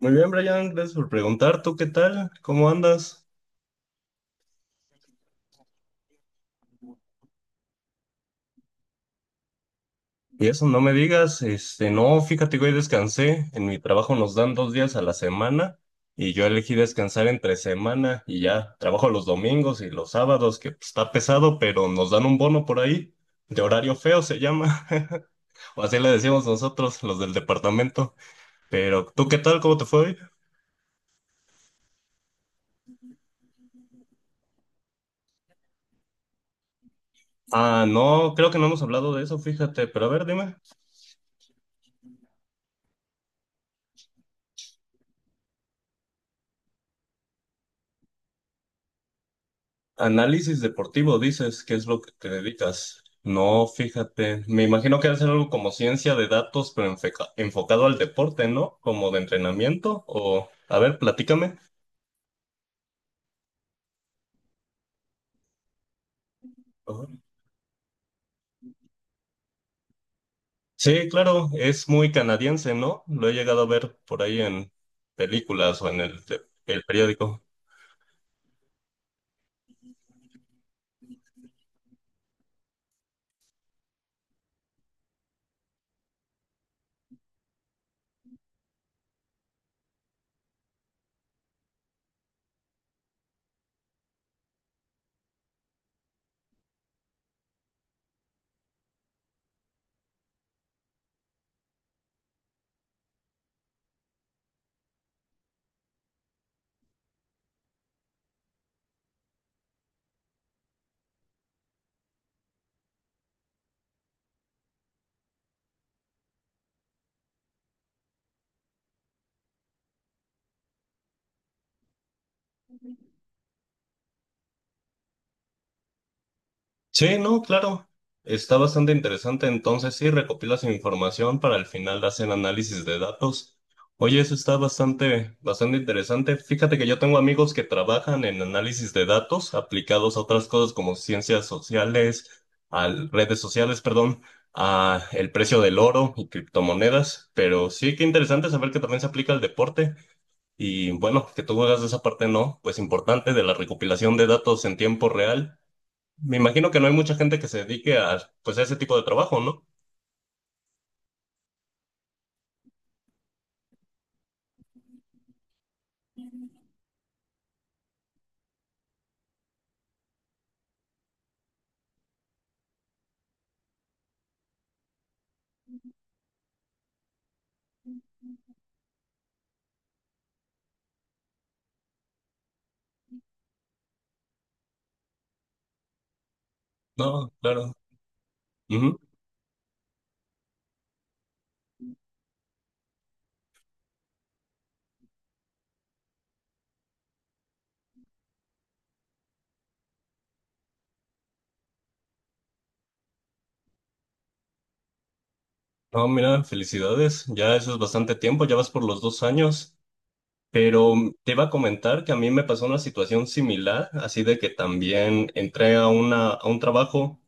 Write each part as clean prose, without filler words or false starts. Muy bien, Brian, gracias por preguntar. ¿Tú qué tal? ¿Cómo andas? Y eso, no me digas, no, fíjate que hoy descansé. En mi trabajo nos dan 2 días a la semana y yo elegí descansar entre semana y ya trabajo los domingos y los sábados, que pues, está pesado, pero nos dan un bono por ahí, de horario feo se llama, o así le decimos nosotros, los del departamento. Pero, ¿tú qué tal? ¿Cómo te fue hoy? Ah, no, creo que no hemos hablado de eso, fíjate, pero a ver, dime. Análisis deportivo, dices, ¿qué es lo que te dedicas? No, fíjate, me imagino que debe ser algo como ciencia de datos, pero enfocado al deporte, ¿no? Como de entrenamiento, o a ver, platícame. Ajá. Sí, claro, es muy canadiense, ¿no? Lo he llegado a ver por ahí en películas o en el periódico. Sí, no, claro. Está bastante interesante. Entonces, sí, recopilas información para al final hacer análisis de datos. Oye, eso está bastante, bastante interesante. Fíjate que yo tengo amigos que trabajan en análisis de datos aplicados a otras cosas como ciencias sociales, a redes sociales, perdón, a el precio del oro y criptomonedas. Pero sí, qué interesante saber que también se aplica al deporte. Y bueno, que tú hagas esa parte, ¿no? Pues importante de la recopilación de datos en tiempo real me imagino que no hay mucha gente que se dedique a, pues, a ese tipo de trabajo, ¿no? No, claro. Ujú. No, mira, felicidades. Ya eso es bastante tiempo, ya vas por los 2 años. Pero te iba a comentar que a mí me pasó una situación similar, así de que también entré a un trabajo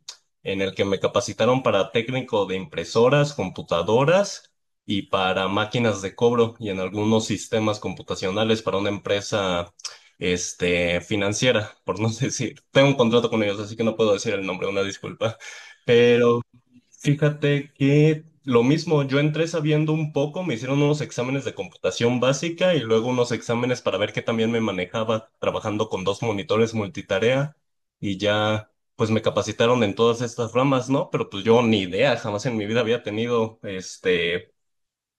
en el que me capacitaron para técnico de impresoras, computadoras y para máquinas de cobro y en algunos sistemas computacionales para una empresa financiera, por no decir. Tengo un contrato con ellos, así que no puedo decir el nombre, una disculpa. Pero fíjate que lo mismo, yo entré sabiendo un poco, me hicieron unos exámenes de computación básica y luego unos exámenes para ver qué también me manejaba trabajando con dos monitores multitarea y ya pues me capacitaron en todas estas ramas, ¿no? Pero pues yo ni idea, jamás en mi vida había tenido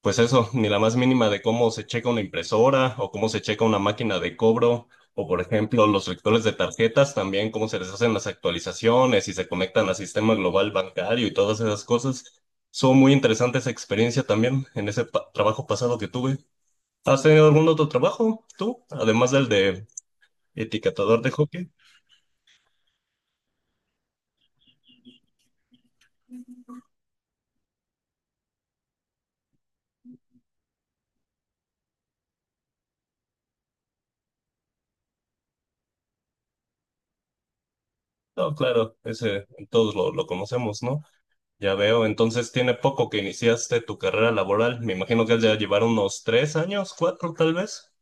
pues eso, ni la más mínima de cómo se checa una impresora o cómo se checa una máquina de cobro o, por ejemplo, los lectores de tarjetas también, cómo se les hacen las actualizaciones y se conectan al sistema global bancario y todas esas cosas. Son muy interesantes esa experiencia también en ese trabajo pasado que tuve. ¿Has tenido algún otro trabajo tú? Además del de etiquetador de hockey. No, claro, ese todos lo conocemos, ¿no? Ya veo, entonces tiene poco que iniciaste tu carrera laboral. Me imagino que has ya llevar unos 3 años, cuatro tal vez.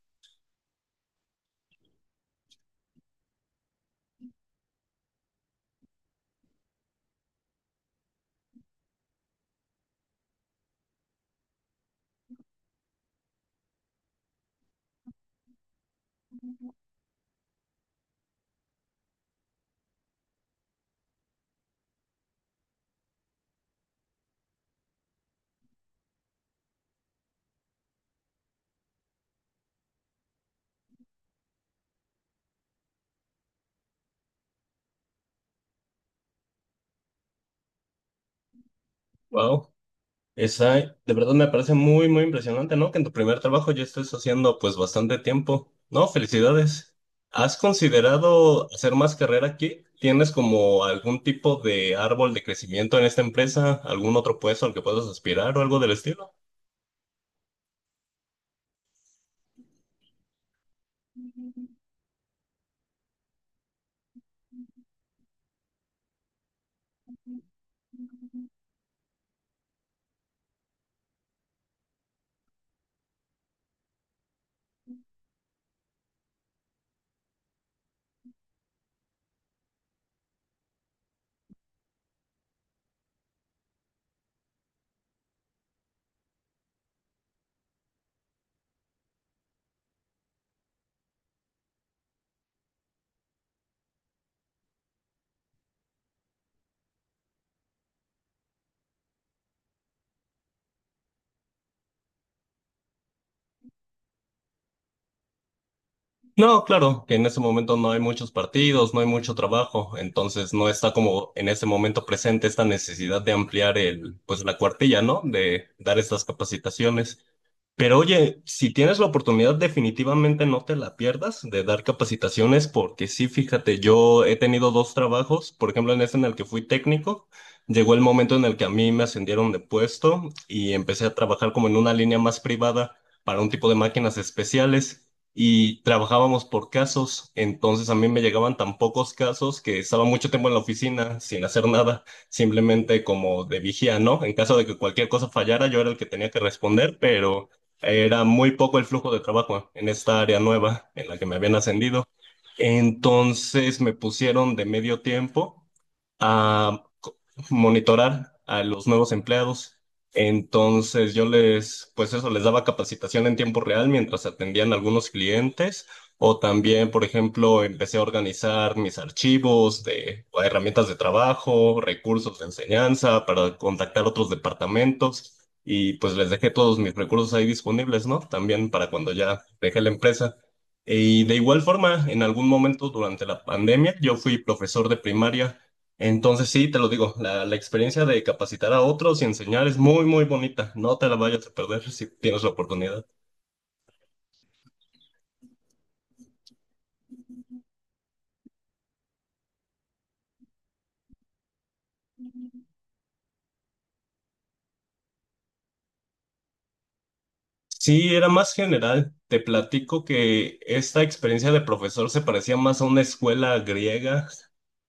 Wow. Esa, de verdad me parece muy, muy impresionante, ¿no? Que en tu primer trabajo ya estés haciendo pues bastante tiempo. No, felicidades. ¿Has considerado hacer más carrera aquí? ¿Tienes como algún tipo de árbol de crecimiento en esta empresa? ¿Algún otro puesto al que puedas aspirar o algo del estilo? No, claro, que en ese momento no hay muchos partidos, no hay mucho trabajo, entonces no está como en ese momento presente esta necesidad de ampliar pues la cuartilla, ¿no? De dar estas capacitaciones. Pero oye, si tienes la oportunidad, definitivamente no te la pierdas de dar capacitaciones, porque sí, fíjate, yo he tenido dos trabajos, por ejemplo, en este en el que fui técnico, llegó el momento en el que a mí me ascendieron de puesto y empecé a trabajar como en una línea más privada para un tipo de máquinas especiales y trabajábamos por casos, entonces a mí me llegaban tan pocos casos que estaba mucho tiempo en la oficina sin hacer nada simplemente como de vigía, ¿no? En caso de que cualquier cosa fallara, yo era el que tenía que responder, pero era muy poco el flujo de trabajo en esta área nueva en la que me habían ascendido. Entonces me pusieron de medio tiempo a monitorar a los nuevos empleados. Entonces pues eso, les daba capacitación en tiempo real mientras atendían algunos clientes o también, por ejemplo, empecé a organizar mis archivos de o herramientas de trabajo, recursos de enseñanza para contactar otros departamentos y pues les dejé todos mis recursos ahí disponibles, ¿no? También para cuando ya dejé la empresa. Y de igual forma, en algún momento durante la pandemia, yo fui profesor de primaria. Entonces, sí, te lo digo, la experiencia de capacitar a otros y enseñar es muy, muy bonita. No te la vayas a perder si tienes la oportunidad. Sí, era más general. Te platico que esta experiencia de profesor se parecía más a una escuela griega.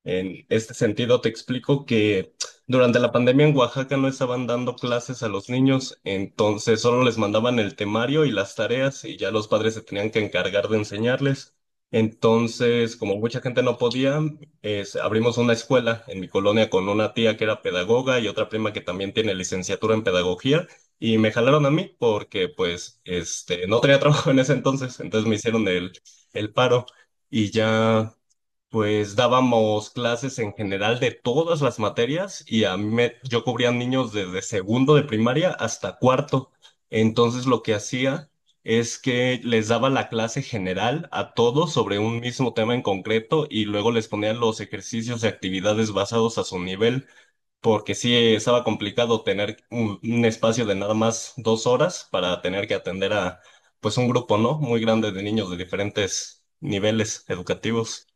En este sentido, te explico que durante la pandemia en Oaxaca no estaban dando clases a los niños, entonces solo les mandaban el temario y las tareas y ya los padres se tenían que encargar de enseñarles. Entonces, como mucha gente no podía, abrimos una escuela en mi colonia con una tía que era pedagoga y otra prima que también tiene licenciatura en pedagogía y me jalaron a mí porque pues no tenía trabajo en ese entonces, entonces me hicieron el paro y ya pues dábamos clases en general de todas las materias y yo cubría niños desde segundo de primaria hasta cuarto. Entonces lo que hacía es que les daba la clase general a todos sobre un mismo tema en concreto y luego les ponían los ejercicios y actividades basados a su nivel, porque sí estaba complicado tener un espacio de nada más 2 horas para tener que atender a pues un grupo, ¿no? Muy grande de niños de diferentes niveles educativos.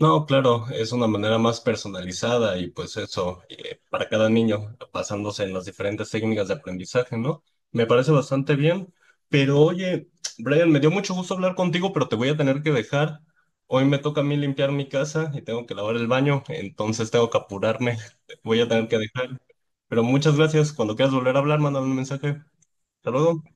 No, claro, es una manera más personalizada y pues eso, para cada niño, basándose en las diferentes técnicas de aprendizaje, ¿no? Me parece bastante bien, pero oye, Brian, me dio mucho gusto hablar contigo, pero te voy a tener que dejar. Hoy me toca a mí limpiar mi casa y tengo que lavar el baño, entonces tengo que apurarme. Te voy a tener que dejar. Pero muchas gracias, cuando quieras volver a hablar, mándame un mensaje. Hasta luego.